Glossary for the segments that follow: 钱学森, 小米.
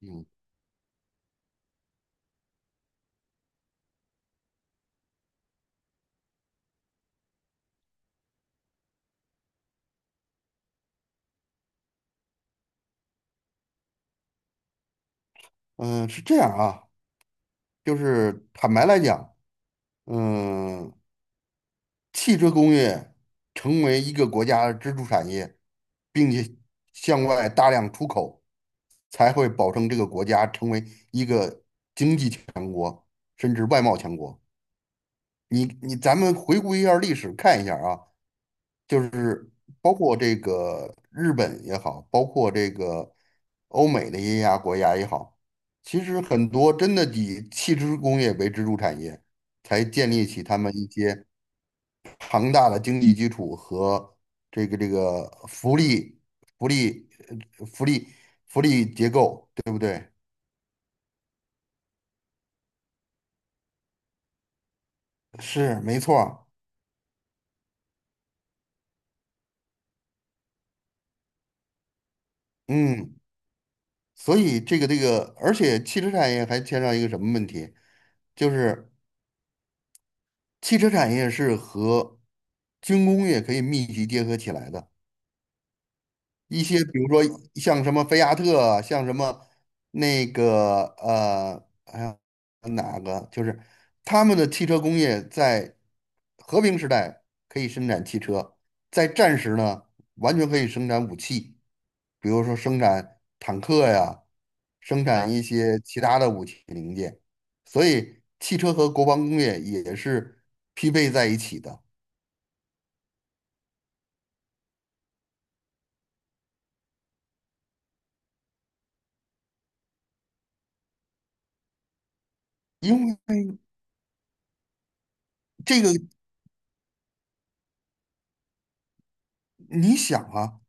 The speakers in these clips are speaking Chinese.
嗯，嗯，是这样啊。就是坦白来讲，嗯，汽车工业成为一个国家的支柱产业，并且向外大量出口，才会保证这个国家成为一个经济强国，甚至外贸强国。咱们回顾一下历史，看一下啊。就是包括这个日本也好，包括这个欧美的一些亚国家也好，其实很多真的以汽车工业为支柱产业，才建立起他们一些庞大的经济基础和这个福利、呃福利、福利结构，对不对？是，没错儿。嗯，所以这个，而且汽车产业还牵上一个什么问题，就是汽车产业是和军工业可以密集结合起来的。一些比如说像什么菲亚特啊，像什么那个哎呀哪个，就是他们的汽车工业在和平时代可以生产汽车，在战时呢，完全可以生产武器，比如说生产坦克呀，生产一些其他的武器零件。所以汽车和国防工业也是匹配在一起的。因为这个，你想啊，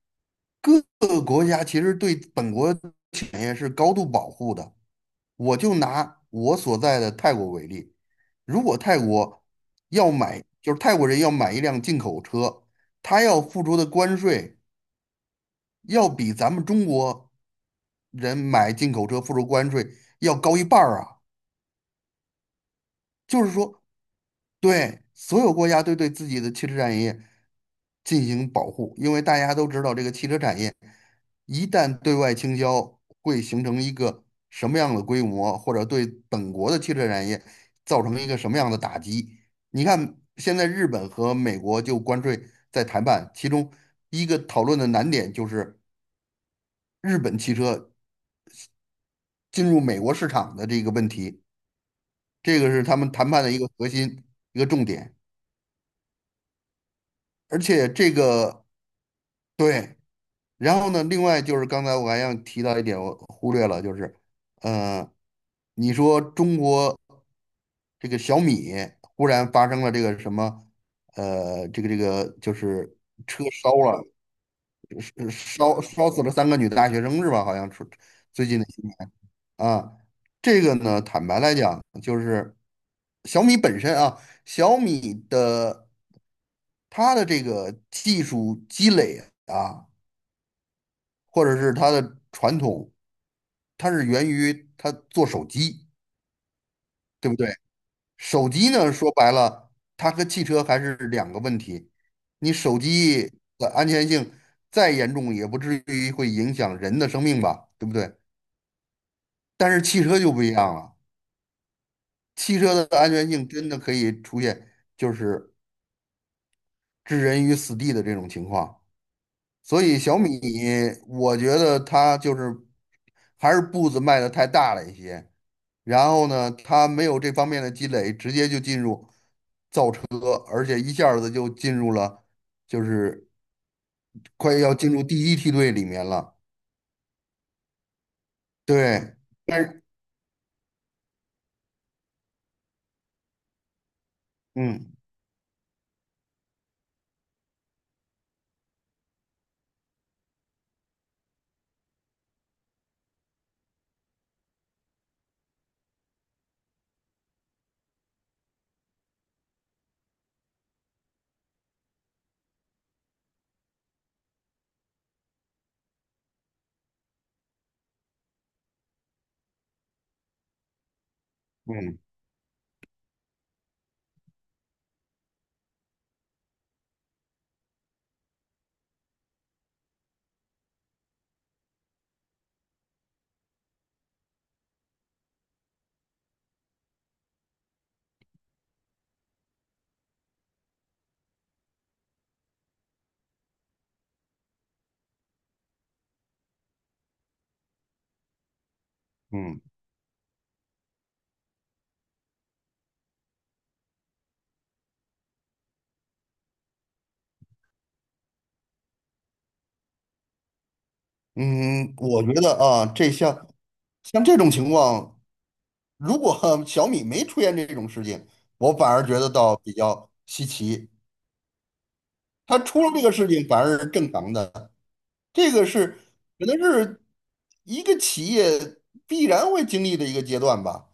各个国家其实对本国产业是高度保护的。我就拿我所在的泰国为例，如果泰国要买，就是泰国人要买一辆进口车，他要付出的关税要比咱们中国人买进口车付出关税要高一半儿啊。就是说，对所有国家都对自己的汽车产业进行保护，因为大家都知道这个汽车产业一旦对外倾销，会形成一个什么样的规模，或者对本国的汽车产业造成一个什么样的打击。你看，现在日本和美国就关税在谈判，其中一个讨论的难点就是日本汽车进入美国市场的这个问题。这个是他们谈判的一个核心，一个重点。而且这个对。然后呢，另外就是刚才我还想提到一点，我忽略了，就是，呃，你说中国这个小米忽然发生了这个什么，就是车烧了，是烧死了三个女大学生是吧？好像是最近的新闻啊。这个呢，坦白来讲，就是小米本身啊，小米的它的这个技术积累。啊。或者是它的传统，它是源于它做手机，对不对？手机呢，说白了，它和汽车还是两个问题。你手机的安全性再严重，也不至于会影响人的生命吧，对不对？但是汽车就不一样了，汽车的安全性真的可以出现就是置人于死地的这种情况。所以小米，我觉得它就是还是步子迈得太大了一些。然后呢，它没有这方面的积累，直接就进入和而且一下子就进入了，就是快要进入第一梯队里面了。对，但是，嗯嗯嗯嗯，我觉得啊，这像像这种情况，如果 小米没出现这种事情，我反而觉得倒比较稀奇。它出了这个事情，反而是正常的。这个是可能是一个企业必然会经历的一个阶段吧，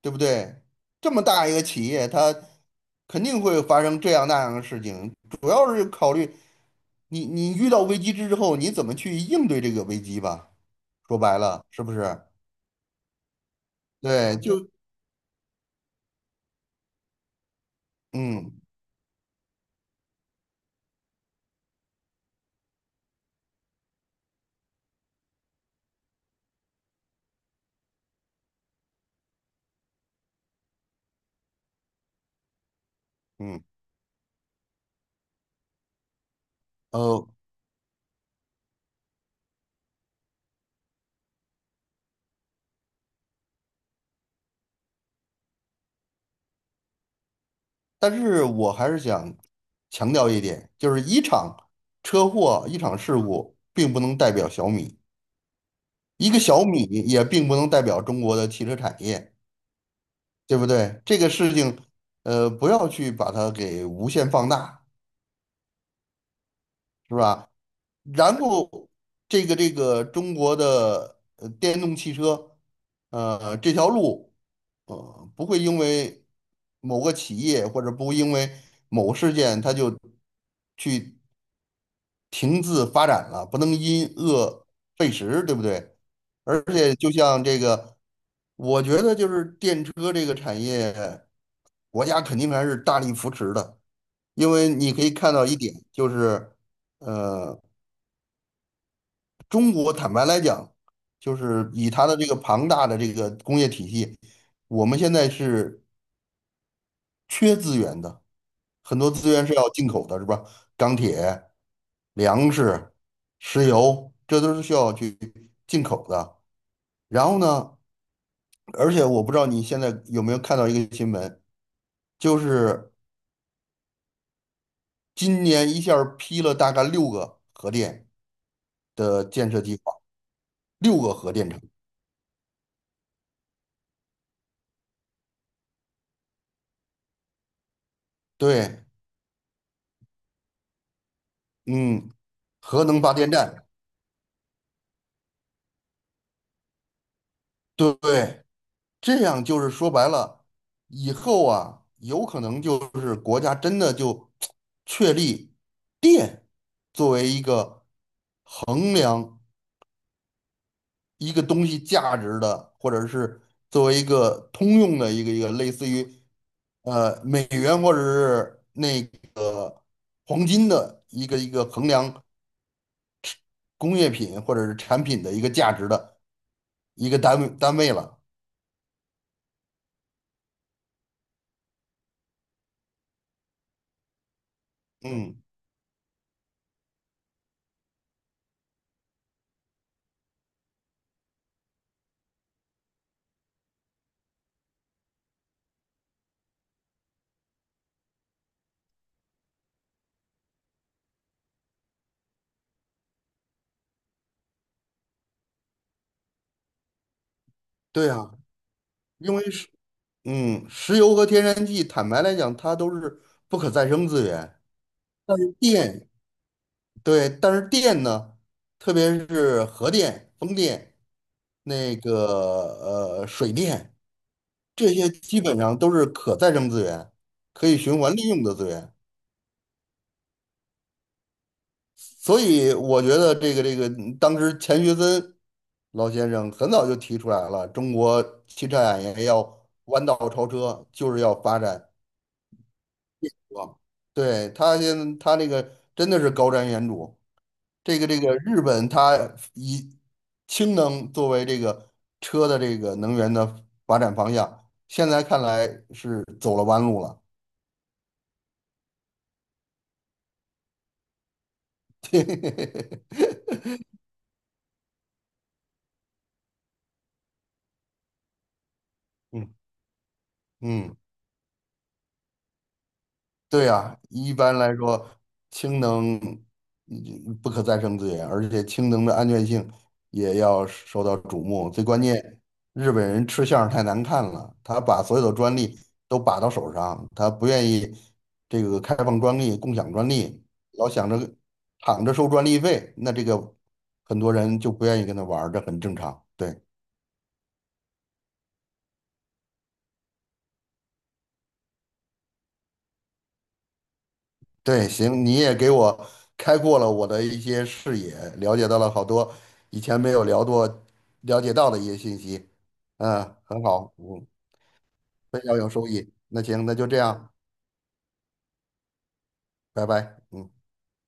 对不对？这么大一个企业，它肯定会发生这样那样的事情，主要是考虑你遇到危机之后，你怎么去应对这个危机吧。说白了，是不是？对，就嗯嗯呃，但是我还是想强调一点，就是一场车祸、一场事故，并不能代表小米。一个小米也并不能代表中国的汽车产业，对不对？这个事情，呃，不要去把它给无限放大，是吧？然后，这个中国的电动汽车，这条路，不会因为某个企业或者不会因为某个事件，它就去停滞发展了，不能因恶废食，对不对？而且就像这个，我觉得就是电车这个产业，国家肯定还是大力扶持的，因为你可以看到一点，就是呃，中国坦白来讲，就是以它的这个庞大的这个工业体系，我们现在是缺资源的。很多资源是要进口的，是吧？钢铁、粮食、石油，这都是需要去进口的。然后呢，而且我不知道你现在有没有看到一个新闻，就是今年一下儿批了大概六个核电的建设计划，六个核电厂。对。嗯，核能发电站，对不对，这样就是说白了，以后啊，有可能就是国家真的就确立电作为一个衡量一个东西价值的，或者是作为一个通用的一个类似于美元或者是那个黄金的一个衡量工业品或者是产品的一个价值的一个单位了。嗯，对啊，因为是。石油和天然气，坦白来讲，它都是不可再生资源。但是电，对，但是电呢，特别是核电、风电、那个水电，这些基本上都是可再生资源，可以循环利用的资源。所以我觉得这个，当时钱学森老先生很早就提出来了，中国汽车产业要弯道超车，就是要发展。哇，对，他现在他那个真的是高瞻远瞩。这个这个日本，他以氢能作为这个车的这个能源的发展方向，现在看来是走了弯路了。嗯嗯。对呀，一般来说，氢能不可再生资源，而且氢能的安全性也要受到瞩目。最关键，日本人吃相太难看了，他把所有的专利都把到手上，他不愿意这个开放专利、共享专利，老想着躺着收专利费，那这个很多人就不愿意跟他玩儿这很正常。对。对，行，你也给我开阔了我的一些视野，了解到了好多以前没有聊过、了解到的一些信息。嗯，很好，嗯，非常有收益。那行，那就这样，拜拜。嗯。